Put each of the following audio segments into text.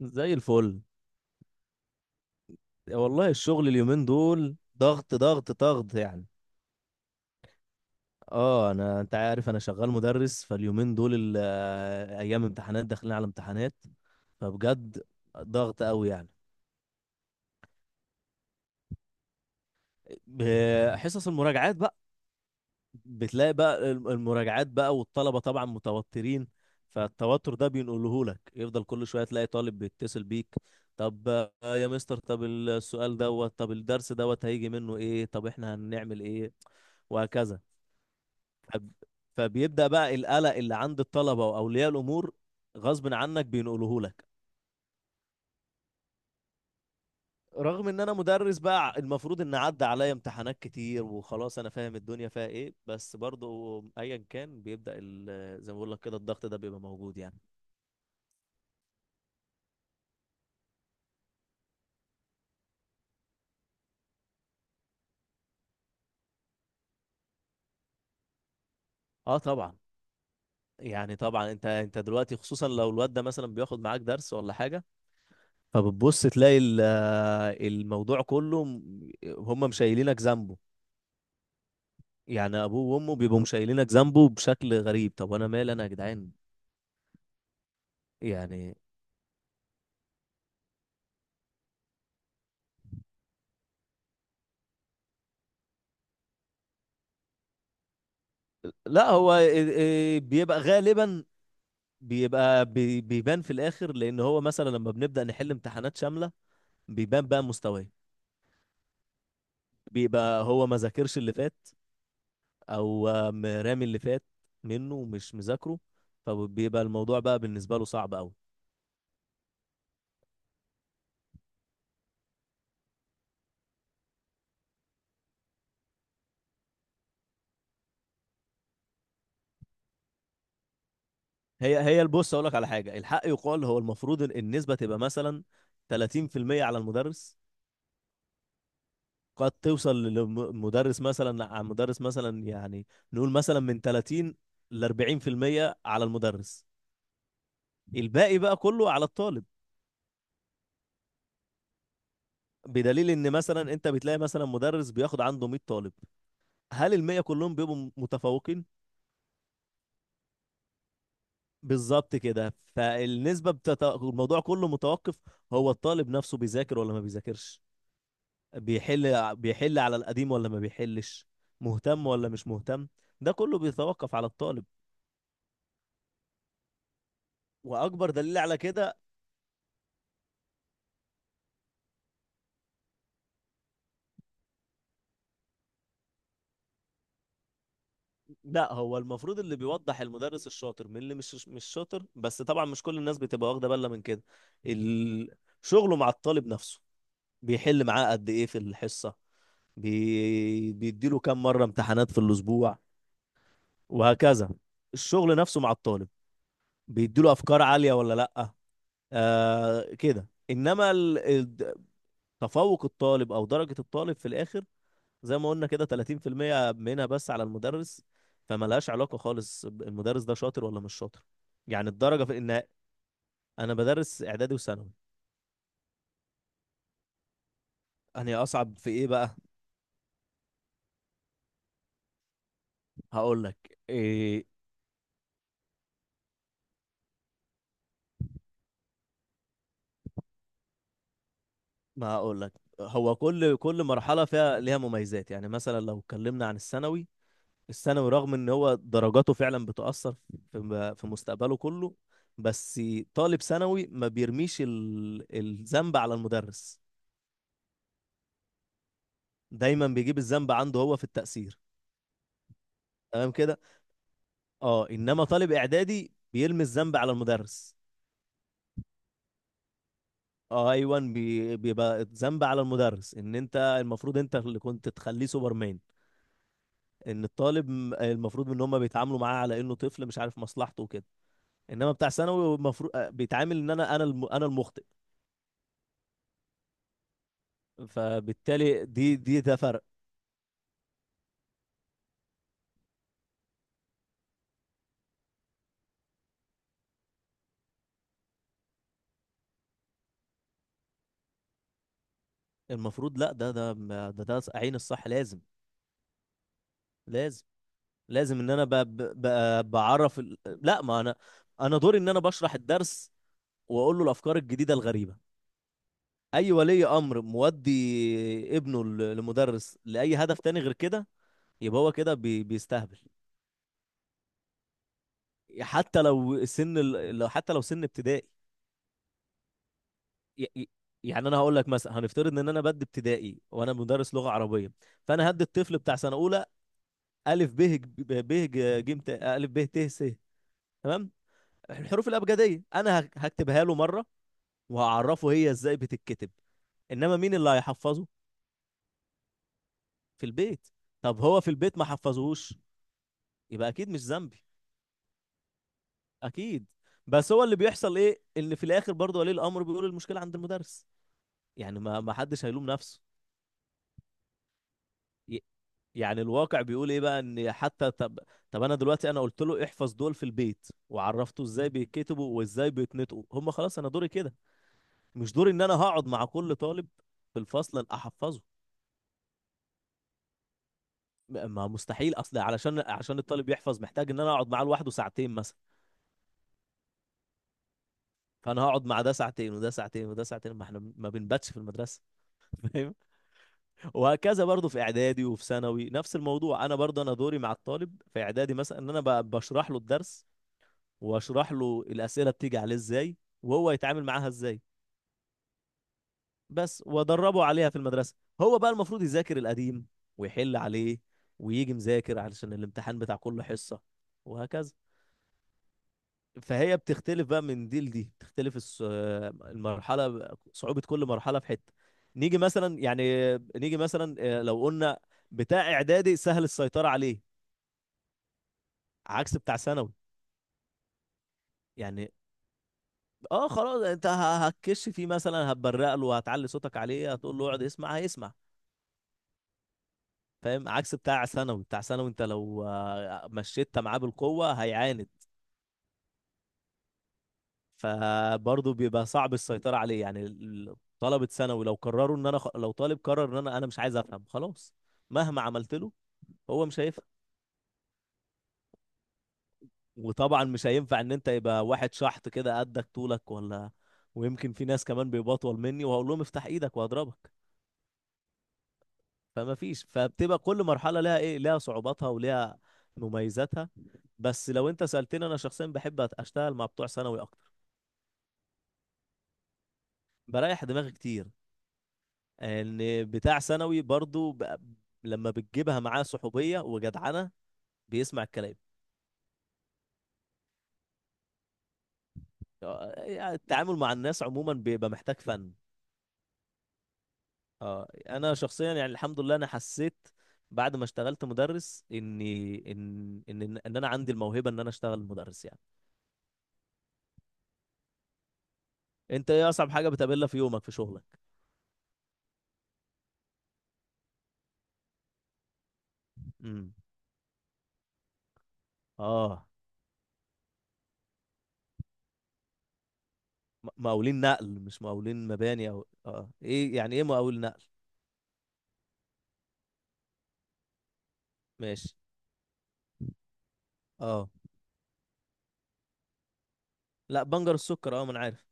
زي الفل. والله الشغل اليومين دول ضغط ضغط ضغط يعني. اه، انت عارف انا شغال مدرس، فاليومين دول ايام امتحانات، داخلين على امتحانات، فبجد ضغط قوي يعني. حصص المراجعات بقى، بتلاقي بقى المراجعات بقى، والطلبة طبعا متوترين، فالتوتر ده بينقله لك. يفضل كل شوية تلاقي طالب بيتصل بيك. طب يا مستر، طب السؤال دوت، طب الدرس دوت هيجي منه ايه، طب احنا هنعمل ايه، وهكذا. فب- فبيبدأ بقى القلق اللي عند الطلبة وأولياء الأمور، غصب عنك بينقله لك. رغم ان انا مدرس بقى، المفروض ان عدى عليا امتحانات كتير وخلاص انا فاهم الدنيا فيها ايه، بس برضو ايا كان بيبدأ زي ما بقول لك كده الضغط ده بيبقى موجود يعني. اه طبعا. يعني طبعا انت دلوقتي، خصوصا لو الواد ده مثلا بياخد معاك درس ولا حاجة، فبتبص تلاقي الموضوع كله، هم مشايلينك ذنبه. يعني ابوه وامه بيبقوا مشايلينك ذنبه بشكل غريب. طب انا مالي انا يا جدعان؟ يعني لا، هو إيه، بيبقى غالبا بيبان في الاخر، لان هو مثلا لما بنبدا نحل امتحانات شامله بيبان بقى مستواه. بيبقى هو ما ذاكرش اللي فات، او رامي اللي فات منه ومش مذاكره، فبيبقى الموضوع بقى بالنسبه له صعب قوي. هي البص، اقول لك على حاجه، الحق يقال، هو المفروض إن النسبه تبقى مثلا 30% على المدرس. قد توصل للمدرس مثلا، على المدرس مثلا يعني، نقول مثلا من 30 ل 40% على المدرس، الباقي بقى كله على الطالب. بدليل ان مثلا انت بتلاقي مثلا مدرس بياخد عنده 100 طالب، هل ال 100 كلهم بيبقوا متفوقين؟ بالظبط كده. الموضوع كله متوقف، هو الطالب نفسه بيذاكر ولا ما بيذاكرش، بيحل على القديم ولا ما بيحلش، مهتم ولا مش مهتم. ده كله بيتوقف على الطالب. واكبر دليل على كده، لا، هو المفروض اللي بيوضح المدرس الشاطر من اللي مش شاطر، بس طبعا مش كل الناس بتبقى واخده بالها من كده. ال- شغله مع الطالب نفسه، بيحل معاه قد ايه في الحصه، بيديله كام مره امتحانات في الاسبوع، وهكذا. الشغل نفسه مع الطالب، بيديله افكار عاليه ولا لا؟ آه كده. انما تفوق الطالب او درجة الطالب في الاخر، زي ما قلنا كده، 30% منها بس على المدرس، فملهاش علاقة خالص المدرس ده شاطر ولا مش شاطر، يعني الدرجة في ان انا بدرس اعدادي وثانوي. انا اصعب في ايه بقى؟ هقول لك إيه، ما هقول لك، هو كل مرحلة فيها ليها مميزات. يعني مثلا لو اتكلمنا عن الثانوي، الثانوي رغم ان هو درجاته فعلا بتأثر في مستقبله كله، بس طالب ثانوي ما بيرميش الذنب على المدرس، دايما بيجيب الذنب عنده هو في التأثير، تمام كده. اه انما طالب اعدادي بيرمي الذنب على المدرس. اه ايوه، بيبقى الذنب على المدرس، ان انت المفروض انت اللي كنت تخليه سوبرمان، ان الطالب، المفروض ان هم بيتعاملوا معاه على انه طفل مش عارف مصلحته وكده. انما بتاع ثانوي المفروض بيتعامل ان انا انا المخطئ، فبالتالي دي ده فرق. المفروض لا، ده، ده عين الصح. لازم، لازم لازم ان انا بعرف لا، ما انا، انا دوري ان انا بشرح الدرس واقول له الافكار الجديده الغريبه. اي ولي امر مودي ابنه لمدرس لاي هدف تاني غير كده يبقى هو كده بيستهبل، حتى لو سن ال... لو حتى لو سن ابتدائي. ي... ي- يعني انا هقول لك مثلا، هنفترض ان انا بدي ابتدائي وانا مدرس لغه عربيه، فانا هدي الطفل بتاع سنه اولى الف ب ب ج ج م ت الف ب ت س، تمام؟ الحروف الابجديه انا هكتبها له مره، وهعرفه هي ازاي بتتكتب، انما مين اللي هيحفظه؟ في البيت. طب هو في البيت ما حفظهوش، يبقى اكيد مش ذنبي، اكيد. بس هو اللي بيحصل ايه، ان في الاخر برضه ولي الامر بيقول المشكله عند المدرس، يعني ما حدش هيلوم نفسه. ي- يعني الواقع بيقول ايه بقى، ان حتى طب انا دلوقتي، انا قلت له احفظ دول في البيت، وعرفته ازاي بيتكتبوا وازاي بيتنطقوا هم، خلاص انا دوري كده، مش دوري ان انا هقعد مع كل طالب في الفصل احفظه. ما مستحيل، اصل علشان الطالب يحفظ محتاج ان انا اقعد معاه لوحده ساعتين مثلا، فانا هقعد مع ده ساعتين وده ساعتين وده ساعتين، ما احنا ما بنباتش في المدرسه. فاهم. وهكذا برضو في اعدادي وفي ثانوي نفس الموضوع. انا برضو انا دوري مع الطالب في اعدادي مثلا ان انا بشرح له الدرس، واشرح له الاسئله بتيجي عليه ازاي وهو يتعامل معاها ازاي بس، وادربه عليها في المدرسه. هو بقى المفروض يذاكر القديم ويحل عليه ويجي مذاكر علشان الامتحان بتاع كل حصه، وهكذا. فهي بتختلف بقى من دي لدي، بتختلف المرحله. صعوبه كل مرحله في حته. نيجي مثلا، يعني نيجي مثلا لو قلنا بتاع اعدادي، سهل السيطره عليه عكس بتاع ثانوي، يعني اه خلاص انت هتكش فيه مثلا، هتبرق له، هتعلي صوتك عليه، هتقول له اقعد اسمع هيسمع، فاهم؟ عكس بتاع ثانوي. بتاع ثانوي انت لو مشيت معاه بالقوه هيعاند، فبرضه بيبقى صعب السيطرة عليه، يعني طلبة ثانوي لو قرروا ان انا لو طالب قرر ان انا مش عايز افهم، خلاص مهما عملت له هو مش هيفهم. وطبعا مش هينفع ان انت يبقى واحد شحط كده قدك طولك ولا، ويمكن في ناس كمان بيبقوا اطول مني، وهقول لهم افتح ايدك وهضربك؟ فما فيش، فبتبقى كل مرحلة لها ايه، لها صعوباتها ولها مميزاتها. بس لو انت سألتني انا شخصيا، بحب اشتغل مع بتوع ثانوي اكتر. بريح دماغي كتير، ان بتاع ثانوي برضو لما بتجيبها معاه صحوبية وجدعنة بيسمع الكلام. يعني التعامل مع الناس عموما بيبقى محتاج فن. اه انا شخصيا، يعني الحمد لله، انا حسيت بعد ما اشتغلت مدرس اني ان انا عندي الموهبة ان انا اشتغل مدرس يعني. انت ايه اصعب حاجة بتقابلها في يومك، في شغلك؟ امم اه، مقاولين نقل مش مقاولين مباني؟ او اه ايه يعني ايه مقاول نقل؟ ماشي. اه، لا، بنجر السكر، اه ما انا عارف.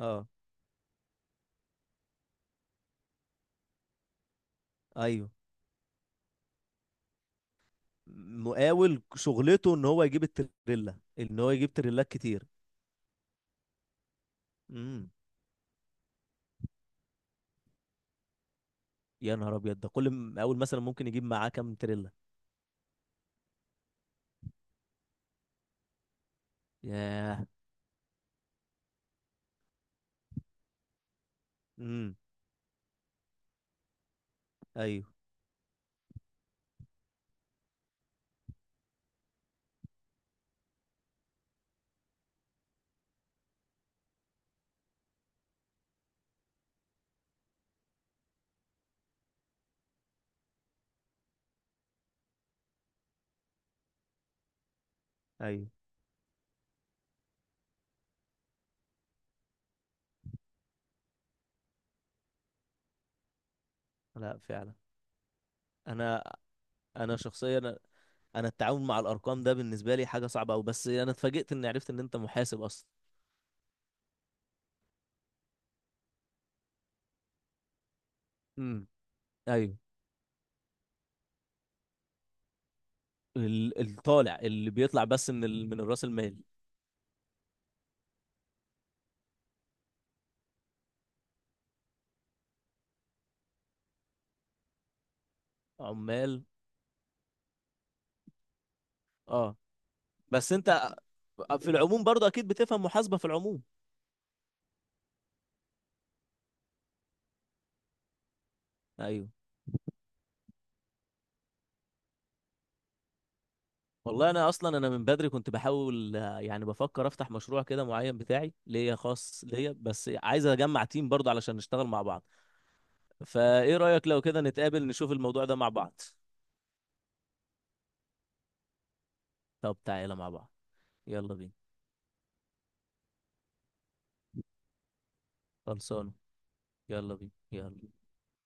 اه ايوه، مقاول شغلته ان هو يجيب التريلا، ان هو يجيب تريلات كتير. امم يا نهار ابيض! ده كل مقاول مثلا ممكن يجيب معاه كام تريلا؟ ياه. امم. ايوه ايوه. لا فعلا. انا انا شخصيا، انا التعامل مع الارقام ده بالنسبه لي حاجه صعبه قوي، بس انا اتفاجئت اني عرفت ان انت محاسب اصلا. امم ايوه، الطالع اللي بيطلع بس من من الراس المال؟ عمال. اه. بس انت، في العموم برضه اكيد بتفهم محاسبه في العموم. ايوه. والله انا اصلا، انا من بدري كنت بحاول، يعني بفكر افتح مشروع كده معين بتاعي، ليا خاص ليا، بس عايز اجمع تيم برضه علشان نشتغل مع بعض. فايه رأيك لو كده نتقابل نشوف الموضوع ده مع بعض؟ طب تعالى مع بعض. يلا بينا. خلصانه. يلا بينا يلا.